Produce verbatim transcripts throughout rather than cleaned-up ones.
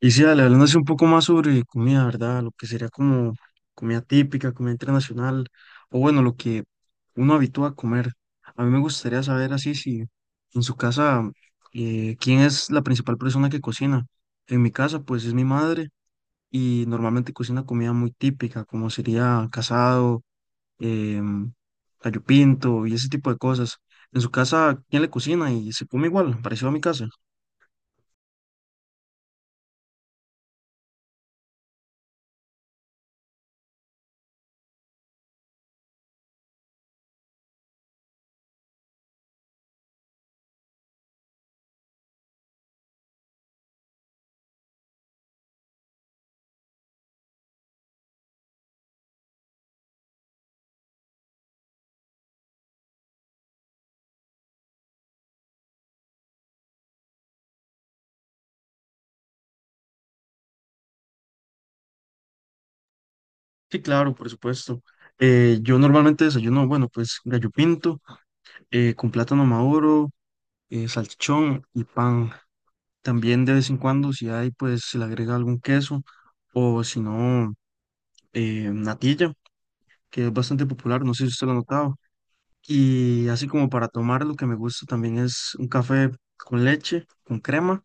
Y sí, dale, hablándose un poco más sobre comida, ¿verdad? Lo que sería como comida típica, comida internacional, o bueno, lo que uno habitúa a comer. A mí me gustaría saber así si en su casa, eh, ¿quién es la principal persona que cocina? En mi casa, pues es mi madre y normalmente cocina comida muy típica, como sería casado, em, gallo pinto y ese tipo de cosas. En su casa, ¿quién le cocina y se come igual, parecido a mi casa? Sí, claro, por supuesto. Eh, yo normalmente desayuno, bueno, pues gallo pinto, eh, con plátano maduro, eh, salchichón y pan. También de vez en cuando, si hay, pues se le agrega algún queso o si no, eh, natilla, que es bastante popular, no sé si usted lo ha notado. Y así como para tomar, lo que me gusta también es un café con leche, con crema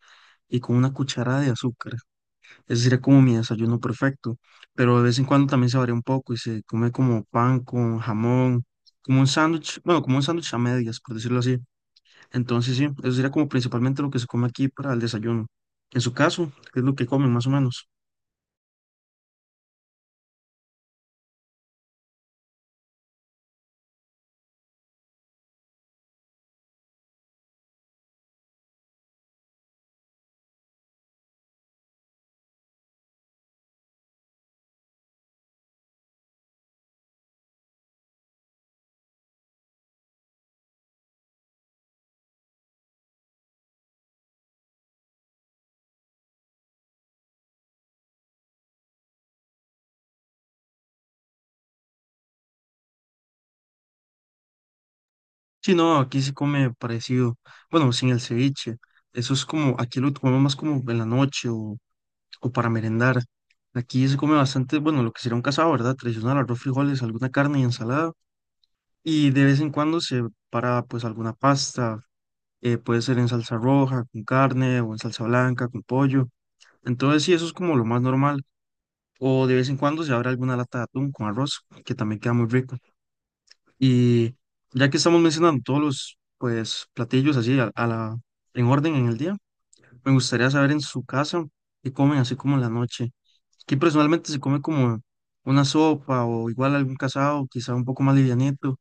y con una cucharada de azúcar. Ese sería como mi desayuno perfecto, pero de vez en cuando también se varía un poco y se come como pan con jamón, como un sándwich, bueno, como un sándwich a medias, por decirlo así. Entonces, sí, eso sería como principalmente lo que se come aquí para el desayuno. En su caso, ¿qué es lo que comen más o menos? Sí, no, aquí se come parecido, bueno, sin el ceviche. Eso es como, aquí lo comemos más como en la noche o, o para merendar. Aquí se come bastante, bueno, lo que sería un casado, ¿verdad? Tradicional, arroz, frijoles, alguna carne y ensalada. Y de vez en cuando se para pues alguna pasta, eh, puede ser en salsa roja, con carne o en salsa blanca, con pollo. Entonces sí, eso es como lo más normal. O de vez en cuando se abre alguna lata de atún con arroz, que también queda muy rico. Y ya que estamos mencionando todos los pues platillos así a, a la, en orden en el día, me gustaría saber en su casa qué comen así como en la noche. Aquí personalmente se come como una sopa o igual algún casado, quizá un poco más livianito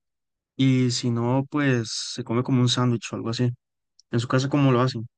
y si no, pues se come como un sándwich o algo así. En su casa, ¿cómo lo hacen?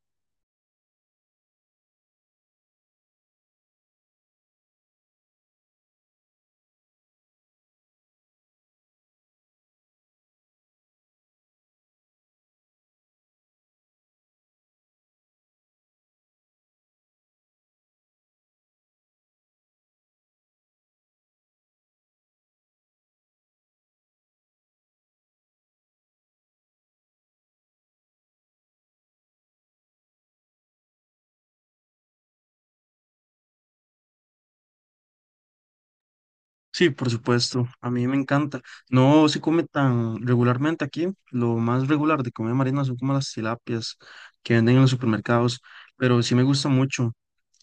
Sí, por supuesto. A mí me encanta. No se come tan regularmente aquí. Lo más regular de comer marina son como las tilapias que venden en los supermercados. Pero sí me gusta mucho.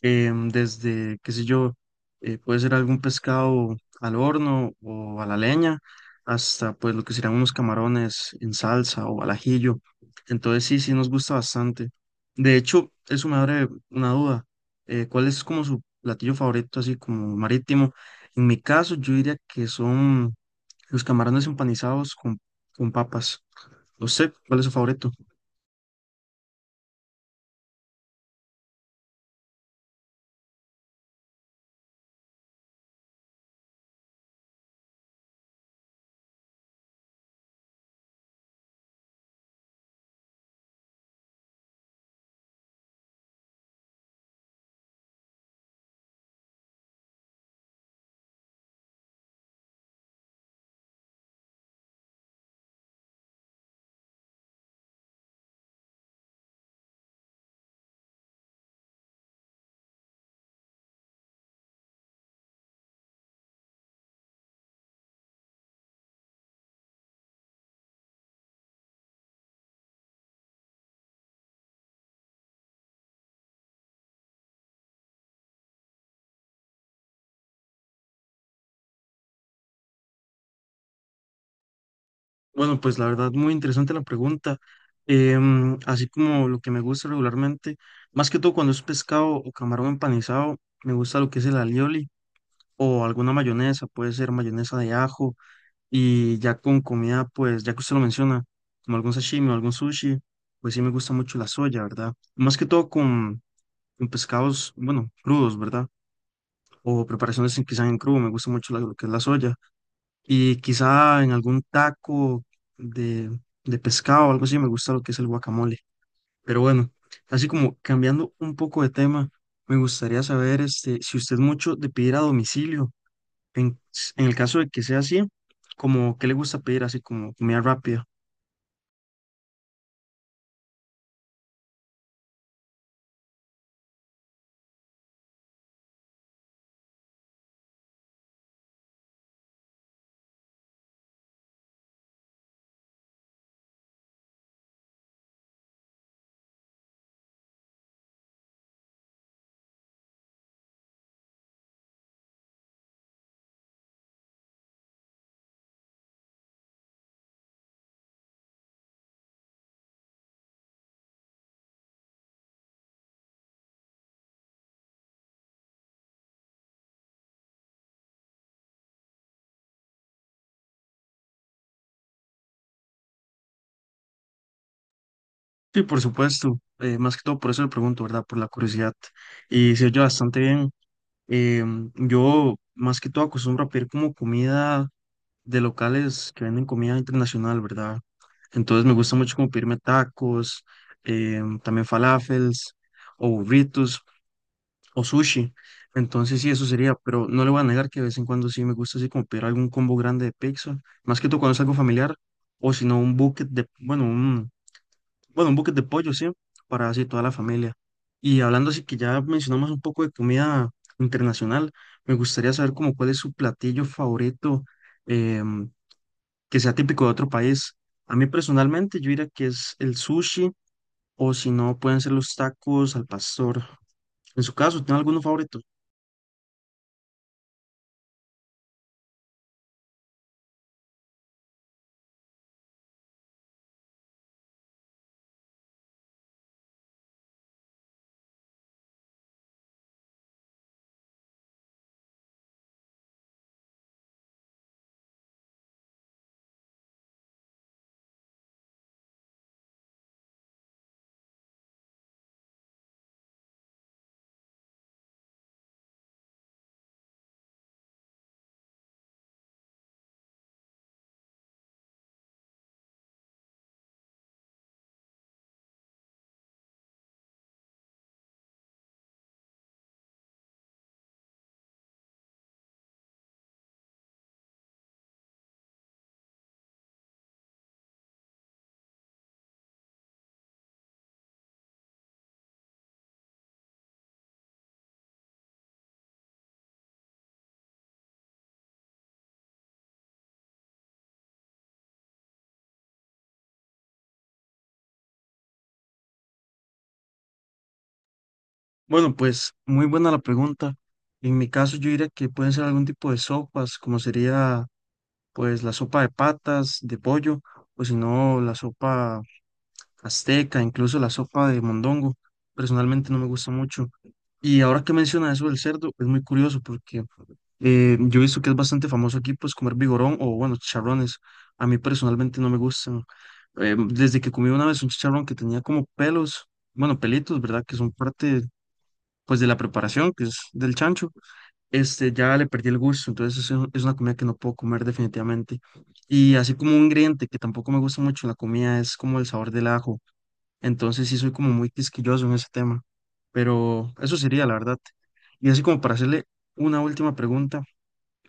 em, Desde, qué sé yo, eh, puede ser algún pescado al horno o a la leña, hasta pues lo que serían unos camarones en salsa o al ajillo. Entonces sí, sí nos gusta bastante. De hecho, eso me abre una duda. Eh, ¿cuál es como su platillo favorito, así como marítimo? En mi caso, yo diría que son los camarones empanizados con, con papas. No sé, ¿cuál es su favorito? Bueno, pues la verdad, muy interesante la pregunta. Em, así como lo que me gusta regularmente, más que todo cuando es pescado o camarón empanizado, me gusta lo que es el alioli o alguna mayonesa, puede ser mayonesa de ajo y ya con comida, pues ya que usted lo menciona, como algún sashimi o algún sushi, pues sí me gusta mucho la soya, ¿verdad? Más que todo con, con pescados, bueno, crudos, ¿verdad? O preparaciones en- que sean en crudo, me gusta mucho la- lo que es la soya. Y quizá en algún taco de, de pescado o algo así, me gusta lo que es el guacamole. Pero bueno, así como cambiando un poco de tema, me gustaría saber este, si usted es mucho de pedir a domicilio. En, en el caso de que sea así, como qué le gusta pedir, así como comida rápida. Sí, por supuesto, eh, más que todo por eso le pregunto, ¿verdad? Por la curiosidad. Y se oye bastante bien. Em, yo más que todo acostumbro a pedir como comida de locales que venden comida internacional, ¿verdad? Entonces me gusta mucho como pedirme tacos, em, también falafels, o burritos, o sushi. Entonces sí, eso sería, pero no le voy a negar que de vez en cuando sí me gusta así como pedir algún combo grande de pizza, más que todo cuando es algo familiar, o si no un bucket de, bueno, un, bueno, un bucket de pollo, sí, para así toda la familia. Y hablando así que ya mencionamos un poco de comida internacional, me gustaría saber como cuál es su platillo favorito, em, que sea típico de otro país. A mí personalmente yo diría que es el sushi o si no pueden ser los tacos al pastor. En su caso, ¿tiene alguno favorito? Bueno, pues muy buena la pregunta. En mi caso yo diría que pueden ser algún tipo de sopas, como sería pues la sopa de patas, de pollo, o si no la sopa azteca, incluso la sopa de mondongo. Personalmente no me gusta mucho. Y ahora que menciona eso del cerdo, es muy curioso porque eh, yo he visto que es bastante famoso aquí, pues comer vigorón o bueno, chicharrones. A mí personalmente no me gustan. Eh, desde que comí una vez un chicharrón que tenía como pelos, bueno, pelitos, ¿verdad? Que son parte pues de la preparación, que es del chancho, este, ya le perdí el gusto. Entonces es, un- es una comida que no puedo comer definitivamente. Y así como un ingrediente que tampoco me gusta mucho en la comida es como el sabor del ajo. Entonces sí soy como muy quisquilloso en ese tema. Pero eso sería, la verdad. Y así como para hacerle una última pregunta,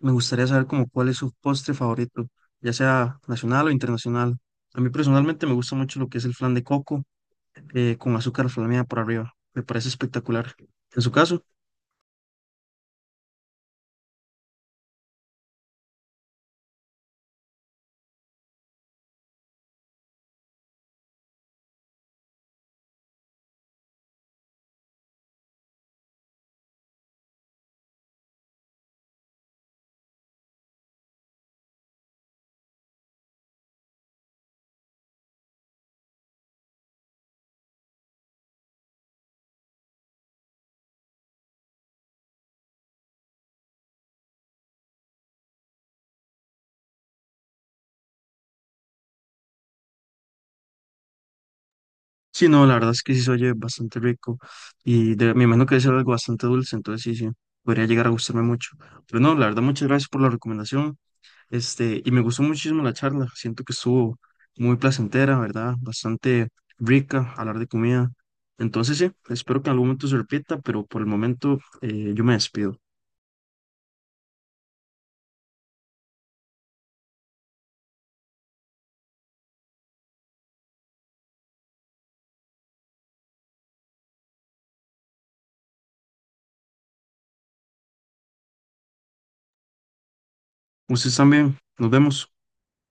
me gustaría saber como cuál es su postre favorito, ya sea nacional o internacional. A mí personalmente me gusta mucho lo que es el flan de coco eh, con azúcar flameada por arriba. Me parece espectacular. En su caso, sí, no, la verdad es que sí se oye bastante rico y de, me imagino que debe ser algo bastante dulce, entonces sí, sí, podría llegar a gustarme mucho. Pero no, la verdad, muchas gracias por la recomendación. Este, y me gustó muchísimo la charla. Siento que estuvo muy placentera, ¿verdad? Bastante rica hablar de comida. Entonces, sí, espero que en algún momento se repita, pero por el momento eh, yo me despido. Ustedes también, nos vemos.